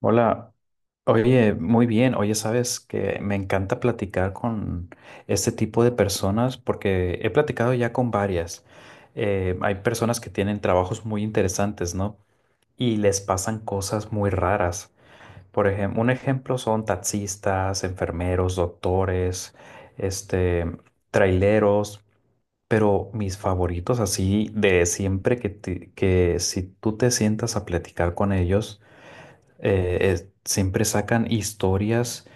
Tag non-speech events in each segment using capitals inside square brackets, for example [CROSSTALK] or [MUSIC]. Hola, oye, muy bien, oye, sabes que me encanta platicar con este tipo de personas porque he platicado ya con varias. Hay personas que tienen trabajos muy interesantes, ¿no? Y les pasan cosas muy raras. Por ejemplo, un ejemplo son taxistas, enfermeros, doctores, este, traileros, pero mis favoritos así de siempre que si tú te sientas a platicar con ellos siempre sacan historias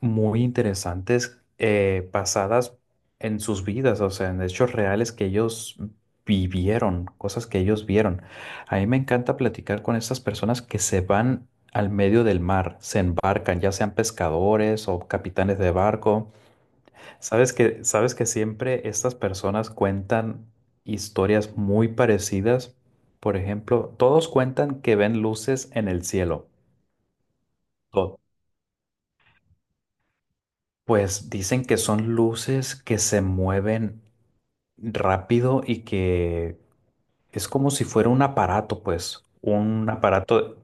muy interesantes, basadas en sus vidas, o sea, en hechos reales que ellos vivieron, cosas que ellos vieron. A mí me encanta platicar con estas personas que se van al medio del mar, se embarcan, ya sean pescadores o capitanes de barco. Sabes que siempre estas personas cuentan historias muy parecidas. Por ejemplo, todos cuentan que ven luces en el cielo. Pues dicen que son luces que se mueven rápido y que es como si fuera un aparato, pues, un aparato.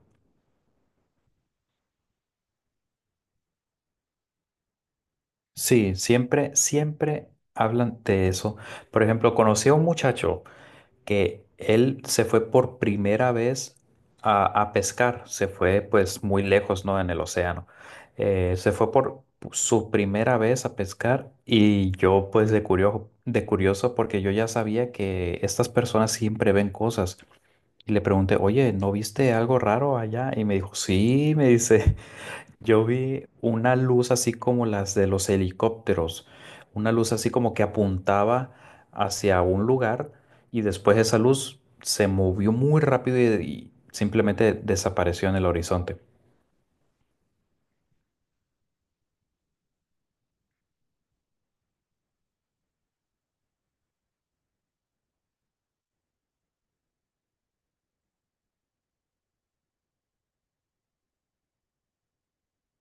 Sí, siempre hablan de eso. Por ejemplo, conocí a un muchacho que él se fue por primera vez a pescar, se fue pues muy lejos, ¿no? En el océano. Se fue por su primera vez a pescar y yo pues de curioso porque yo ya sabía que estas personas siempre ven cosas y le pregunté, oye, ¿no viste algo raro allá? Y me dijo, sí, me dice. Yo vi una luz así como las de los helicópteros, una luz así como que apuntaba hacia un lugar y después esa luz se movió muy rápido y simplemente desapareció en el horizonte.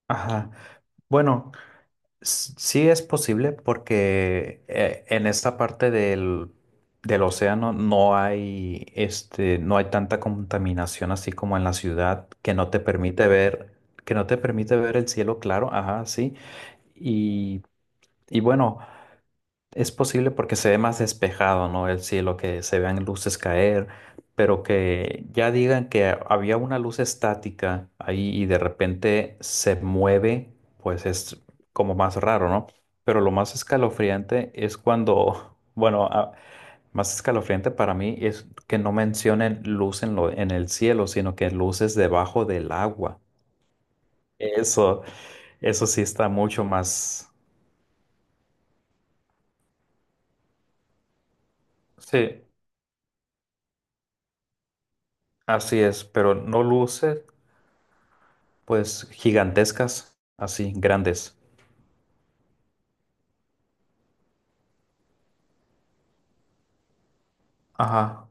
Ajá. Bueno, sí es posible porque, en esta parte del océano no hay, este, no hay tanta contaminación así como en la ciudad que no te permite ver, que no te permite ver el cielo claro, ajá, sí. Y, y bueno. Es posible porque se ve más despejado, ¿no? El cielo, que se vean luces caer, pero que ya digan que había una luz estática ahí y de repente se mueve, pues es como más raro, ¿no? Pero lo más escalofriante es cuando, [LAUGHS] bueno, más escalofriante para mí es que no mencionen luz en el cielo, sino que luces debajo del agua. Eso, eso sí está mucho más, sí, así es, pero no luces. Pues gigantescas, así, grandes. Ajá.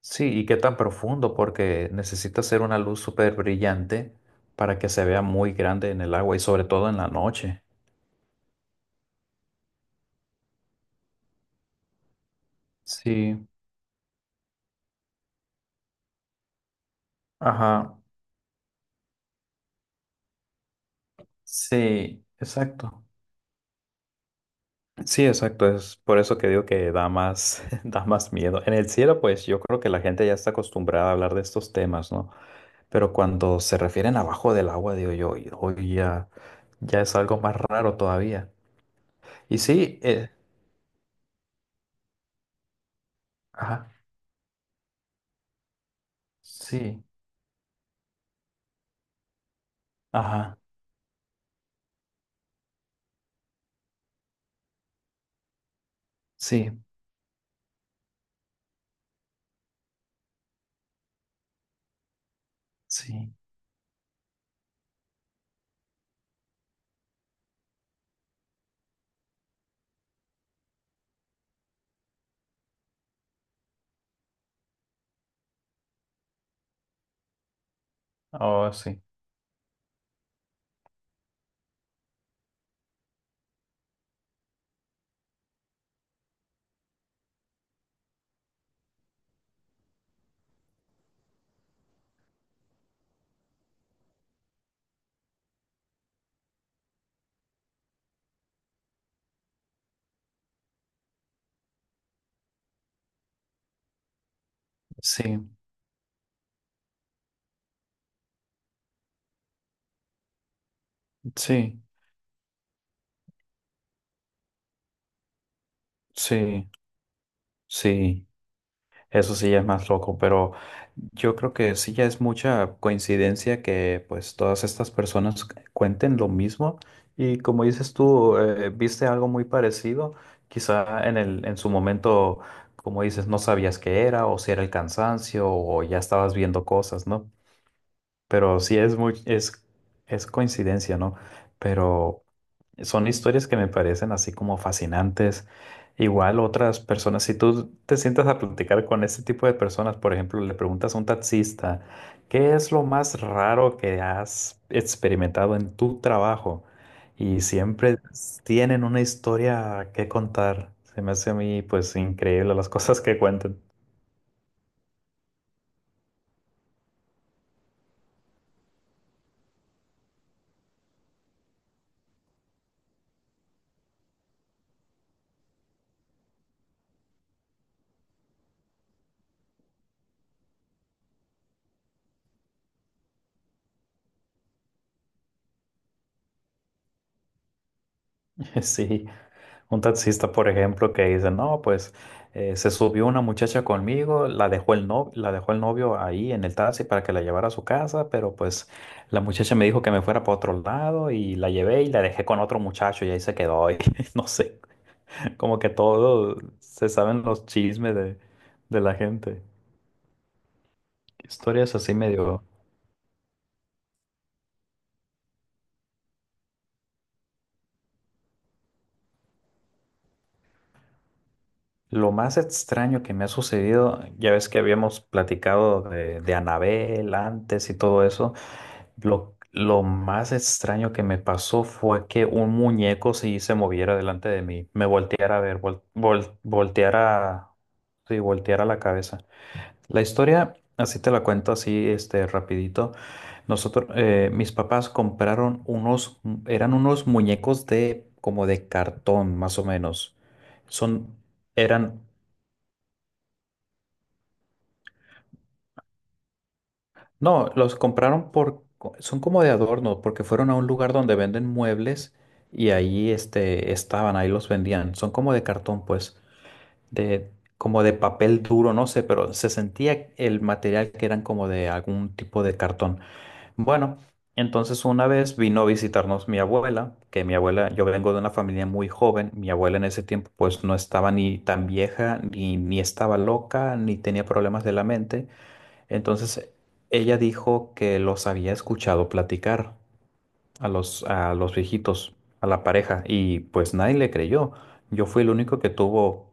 Sí, ¿y qué tan profundo? Porque necesita ser una luz súper brillante para que se vea muy grande en el agua y sobre todo en la noche. Sí, ajá. Sí, exacto. Sí, exacto. Es por eso que digo que da más, [LAUGHS] da más miedo. En el cielo, pues yo creo que la gente ya está acostumbrada a hablar de estos temas, ¿no? Pero cuando se refieren abajo del agua, digo yo, hoy ya, ya es algo más raro todavía. Y sí, ajá, sí, ajá, sí, sí, oh, sí, sí, sí, sí, sí, eso sí ya es más loco, pero yo creo que sí ya es mucha coincidencia que pues todas estas personas cuenten lo mismo y como dices tú, viste algo muy parecido, quizá en su momento, como dices, no sabías qué era o si era el cansancio o ya estabas viendo cosas, ¿no? Pero sí es coincidencia, ¿no? Pero son historias que me parecen así como fascinantes. Igual otras personas, si tú te sientas a platicar con este tipo de personas, por ejemplo, le preguntas a un taxista, ¿qué es lo más raro que has experimentado en tu trabajo? Y siempre tienen una historia que contar. Se me hace a mí, pues, increíble las [LAUGHS] cosas que cuentan. [LAUGHS] Sí. Un taxista, por ejemplo, que dice, no, pues, se subió una muchacha conmigo, la dejó el no, la dejó el novio ahí en el taxi para que la llevara a su casa, pero pues la muchacha me dijo que me fuera para otro lado y la llevé y la dejé con otro muchacho y ahí se quedó. [LAUGHS] Y no sé, como que todo se saben los chismes de la gente. Historias así medio. Lo más extraño que me ha sucedido, ya ves que habíamos platicado de Anabel antes y todo eso. Lo más extraño que me pasó fue que un muñeco sí se moviera delante de mí, me volteara a ver, volteara, sí, volteara la cabeza. La historia, así te la cuento así, este, rapidito. Nosotros, mis papás compraron unos, eran unos muñecos de, como de cartón, más o menos. Son, eran. No, los compraron por, son como de adorno, porque fueron a un lugar donde venden muebles y ahí este, estaban, ahí los vendían. Son como de cartón, pues, de, como de papel duro, no sé, pero se sentía el material que eran como de algún tipo de cartón. Bueno, entonces una vez vino a visitarnos mi abuela, que mi abuela, yo vengo de una familia muy joven, mi abuela en ese tiempo pues no estaba ni tan vieja, ni estaba loca, ni tenía problemas de la mente. Entonces, ella dijo que los había escuchado platicar a a los viejitos, a la pareja, y pues nadie le creyó. Yo fui el único que tuvo...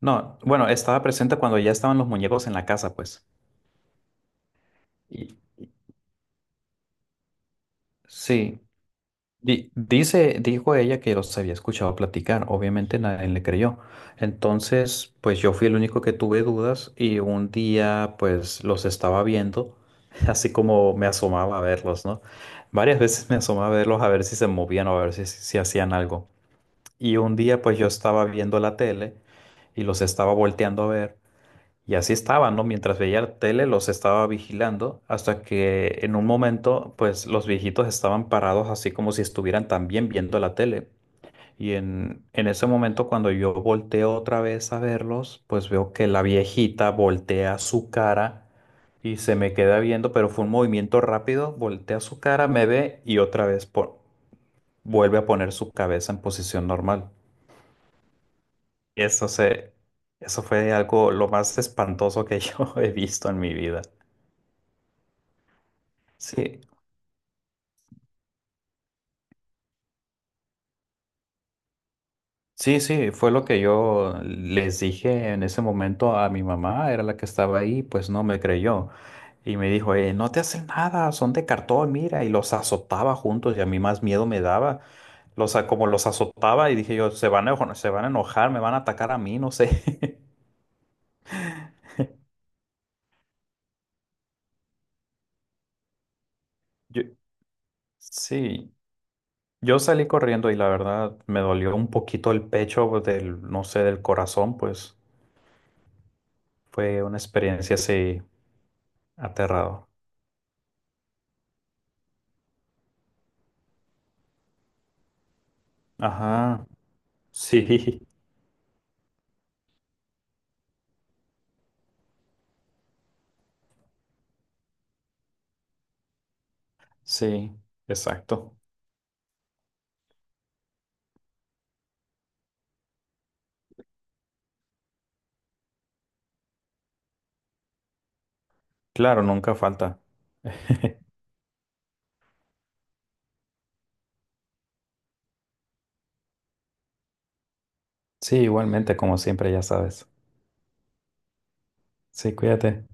No, bueno, estaba presente cuando ya estaban los muñecos en la casa, pues. Y, sí, dijo ella que los había escuchado platicar, obviamente nadie le creyó. Entonces, pues yo fui el único que tuve dudas y un día pues los estaba viendo, [LAUGHS] así como me asomaba a verlos, ¿no? Varias veces me asomaba a verlos a ver si se movían o a ver si hacían algo. Y un día pues yo estaba viendo la tele y los estaba volteando a ver. Y así estaban, ¿no? Mientras veía la tele, los estaba vigilando hasta que en un momento, pues los viejitos estaban parados así como si estuvieran también viendo la tele. Y en ese momento, cuando yo volteo otra vez a verlos, pues veo que la viejita voltea su cara y se me queda viendo, pero fue un movimiento rápido, voltea su cara, me ve y otra vez vuelve a poner su cabeza en posición normal. Eso se, eso fue algo lo más espantoso que [LAUGHS] yo he visto en mi vida. Sí, sí, sí, fue lo que yo les dije en ese momento a mi mamá, era la que estaba ahí, pues no me creyó. Y me dijo, no te hacen nada, son de cartón, mira, y los azotaba juntos y a mí más miedo me daba. Como los azotaba y dije yo, se van a enojar, me van a atacar a mí, no sé. [LAUGHS] Yo- sí, yo salí corriendo y la verdad me dolió un poquito el pecho pues, del, no sé, del corazón, pues fue una experiencia así aterrador. Ajá, [LAUGHS] sí. Sí, exacto. Claro, nunca falta. Sí, igualmente, como siempre, ya sabes. Sí, cuídate.